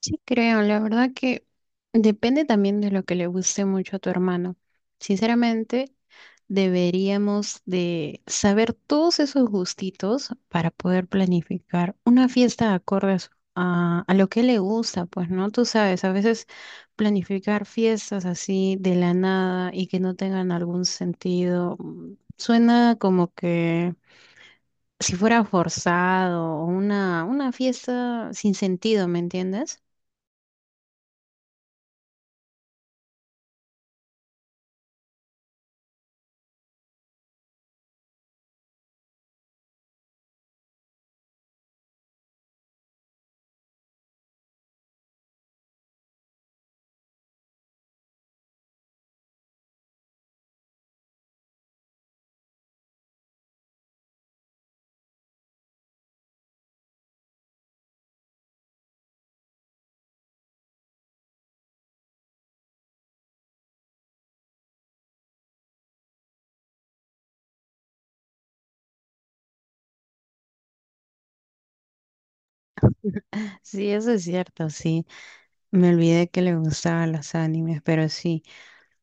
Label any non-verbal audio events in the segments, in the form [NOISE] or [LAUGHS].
Sí, creo, la verdad que depende también de lo que le guste mucho a tu hermano. Sinceramente, deberíamos de saber todos esos gustitos para poder planificar una fiesta acorde a, a lo que le gusta, pues, ¿no? Tú sabes, a veces planificar fiestas así de la nada y que no tengan algún sentido, suena como que si fuera forzado o una fiesta sin sentido, ¿me entiendes? Sí, eso es cierto, sí. Me olvidé que le gustaban los animes, pero sí,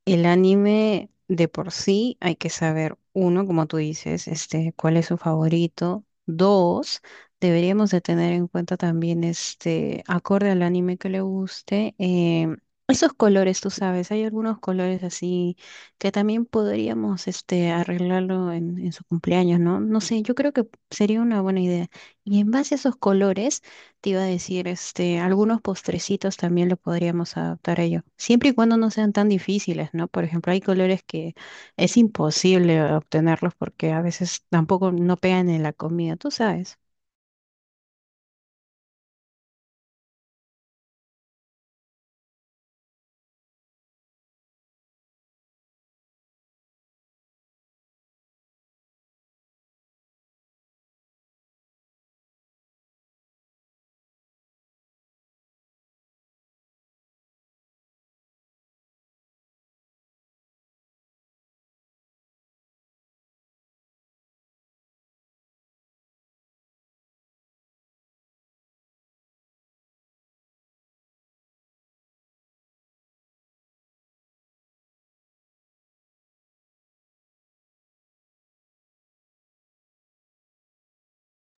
el anime de por sí hay que saber, uno, como tú dices, este, cuál es su favorito. Dos, deberíamos de tener en cuenta también, este, acorde al anime que le guste, esos colores, tú sabes, hay algunos colores así que también podríamos, este, arreglarlo en su cumpleaños, ¿no? No sé, yo creo que sería una buena idea. Y en base a esos colores te iba a decir, este, algunos postrecitos también lo podríamos adaptar a ello. Siempre y cuando no sean tan difíciles, ¿no? Por ejemplo, hay colores que es imposible obtenerlos porque a veces tampoco no pegan en la comida, tú sabes,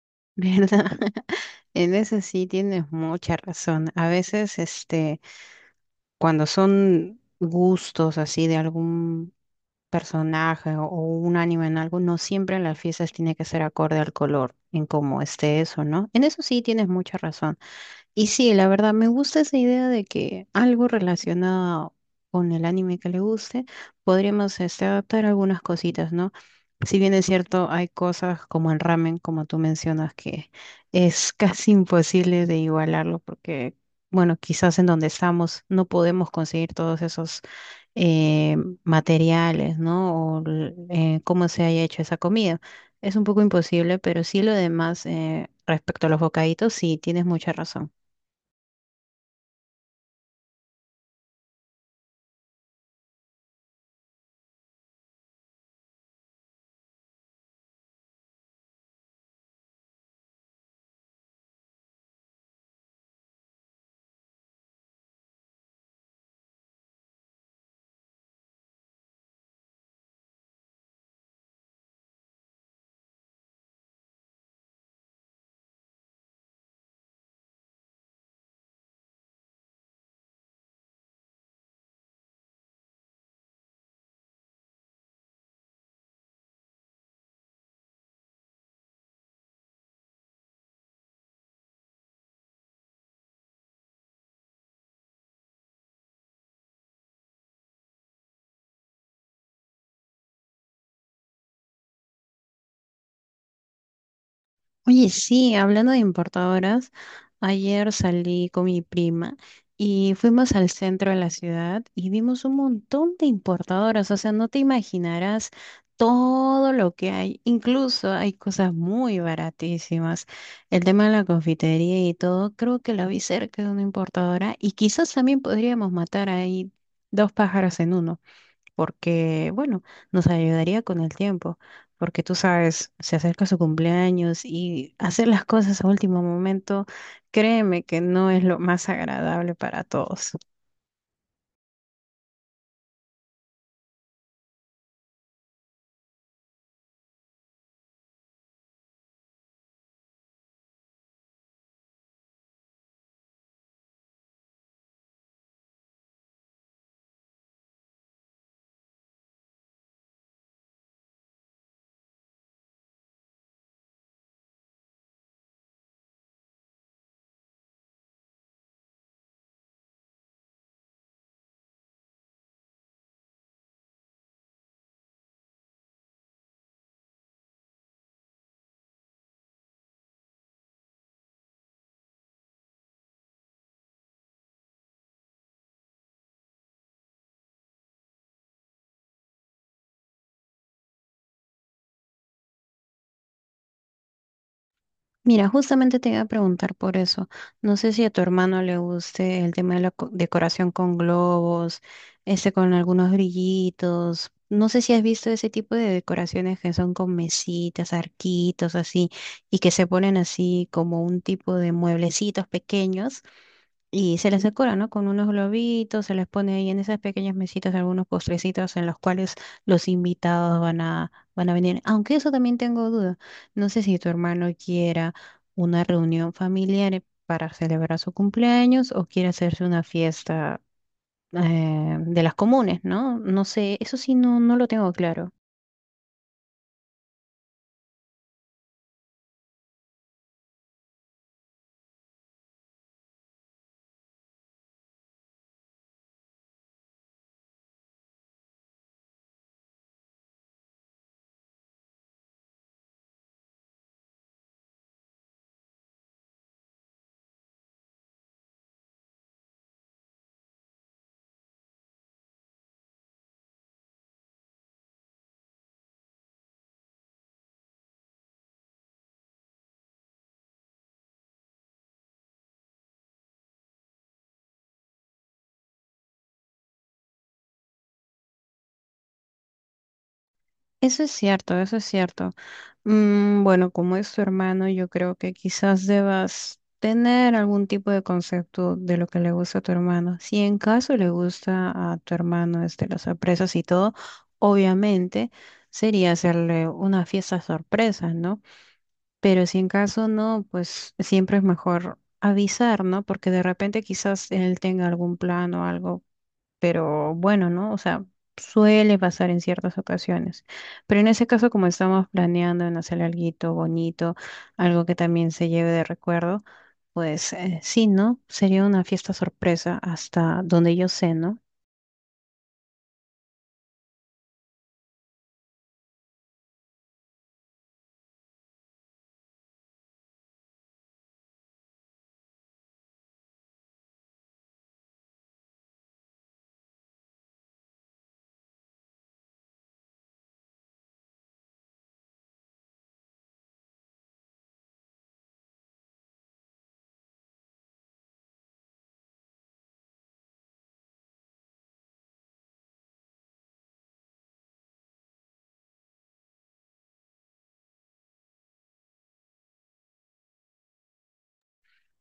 [LAUGHS] ¿verdad? En eso sí tienes mucha razón. A veces, este, cuando son gustos así de algún personaje o un anime en algo, no siempre en las fiestas tiene que ser acorde al color, en cómo esté eso, ¿no? En eso sí tienes mucha razón. Y sí, la verdad, me gusta esa idea de que algo relacionado con el anime que le guste, podríamos este, adaptar algunas cositas, ¿no? Si bien es cierto, hay cosas como el ramen, como tú mencionas, que es [LAUGHS] casi imposible de igualarlo porque, bueno, quizás en donde estamos no podemos conseguir todos esos eh, materiales, ¿no? Cómo se haya hecho esa comida. Es un poco imposible, pero sí lo demás respecto a los bocaditos, sí, tienes mucha razón. Oye, sí, hablando de importadoras, ayer salí con mi prima y fuimos al centro de la ciudad y vimos un montón de importadoras, o sea, no te imaginarás todo lo que hay, incluso hay cosas muy baratísimas. El tema de la confitería y todo, creo que la vi cerca de una importadora y quizás también podríamos matar ahí dos pájaros en uno porque, bueno, nos ayudaría con el tiempo, porque tú sabes, se acerca su cumpleaños y hacer las cosas a último momento, créeme que no es lo más agradable para todos. Mira, justamente te iba a preguntar por eso. No sé si a tu hermano le guste el tema de la decoración con globos, este con algunos brillitos. No sé si has visto ese tipo de decoraciones que son con mesitas, arquitos, así, y que se ponen así como un tipo de mueblecitos pequeños. Y se les decora, ¿no? Con unos globitos, se les pone ahí en esas pequeñas mesitas algunos postrecitos en los cuales los invitados van a venir. Aunque eso también tengo duda. No sé si tu hermano quiera una reunión familiar para celebrar su cumpleaños o quiere hacerse una fiesta de las comunes, ¿no? No sé, eso sí no lo tengo claro. Eso es cierto, eso es cierto. Mm, bueno, como es su hermano, yo creo que quizás debas tener algún tipo de concepto de lo que le gusta a tu hermano. Si en caso le gusta a tu hermano este, las sorpresas y todo, obviamente sería hacerle una fiesta sorpresa, ¿no? Pero si en caso no, pues siempre es mejor avisar, ¿no? Porque de repente quizás él tenga algún plan o algo, pero bueno, ¿no? O sea, suele pasar en ciertas ocasiones. Pero en ese caso, como estamos planeando en hacer algo bonito, algo que también se lleve de recuerdo, pues sí, ¿no? Sería una fiesta sorpresa hasta donde yo sé, ¿no?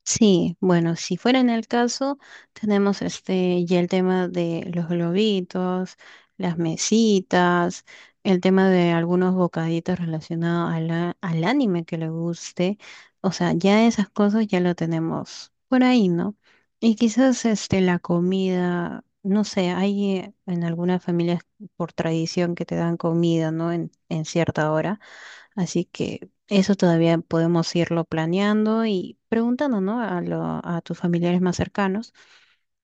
Sí, bueno, si fuera en el caso, tenemos este ya el tema de los globitos, las mesitas, el tema de algunos bocaditos relacionados a al anime que le guste. O sea, ya esas cosas ya lo tenemos por ahí, ¿no? Y quizás este la comida, no sé, hay en algunas familias por tradición que te dan comida, ¿no? En cierta hora. Así que eso todavía podemos irlo planeando y preguntando, ¿no? A tus familiares más cercanos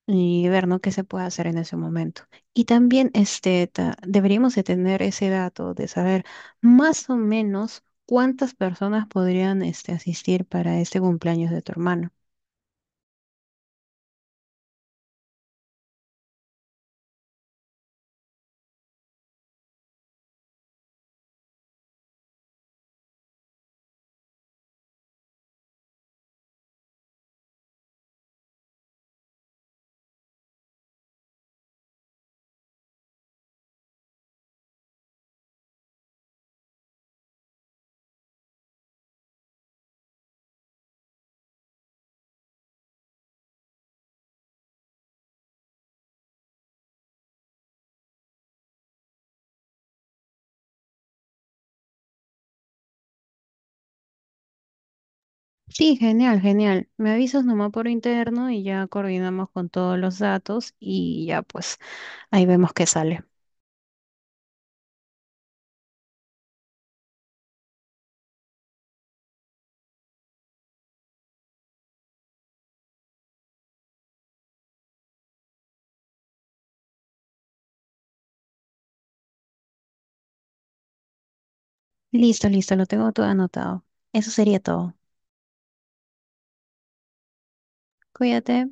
y ver, ¿no? Qué se puede hacer en ese momento. Y también este, deberíamos de tener ese dato de saber más o menos cuántas personas podrían este, asistir para este cumpleaños de tu hermano. Sí, genial, genial. Me avisas nomás por interno y ya coordinamos con todos los datos y ya pues ahí vemos qué sale. Listo, listo, lo tengo todo anotado. Eso sería todo. Cuídate.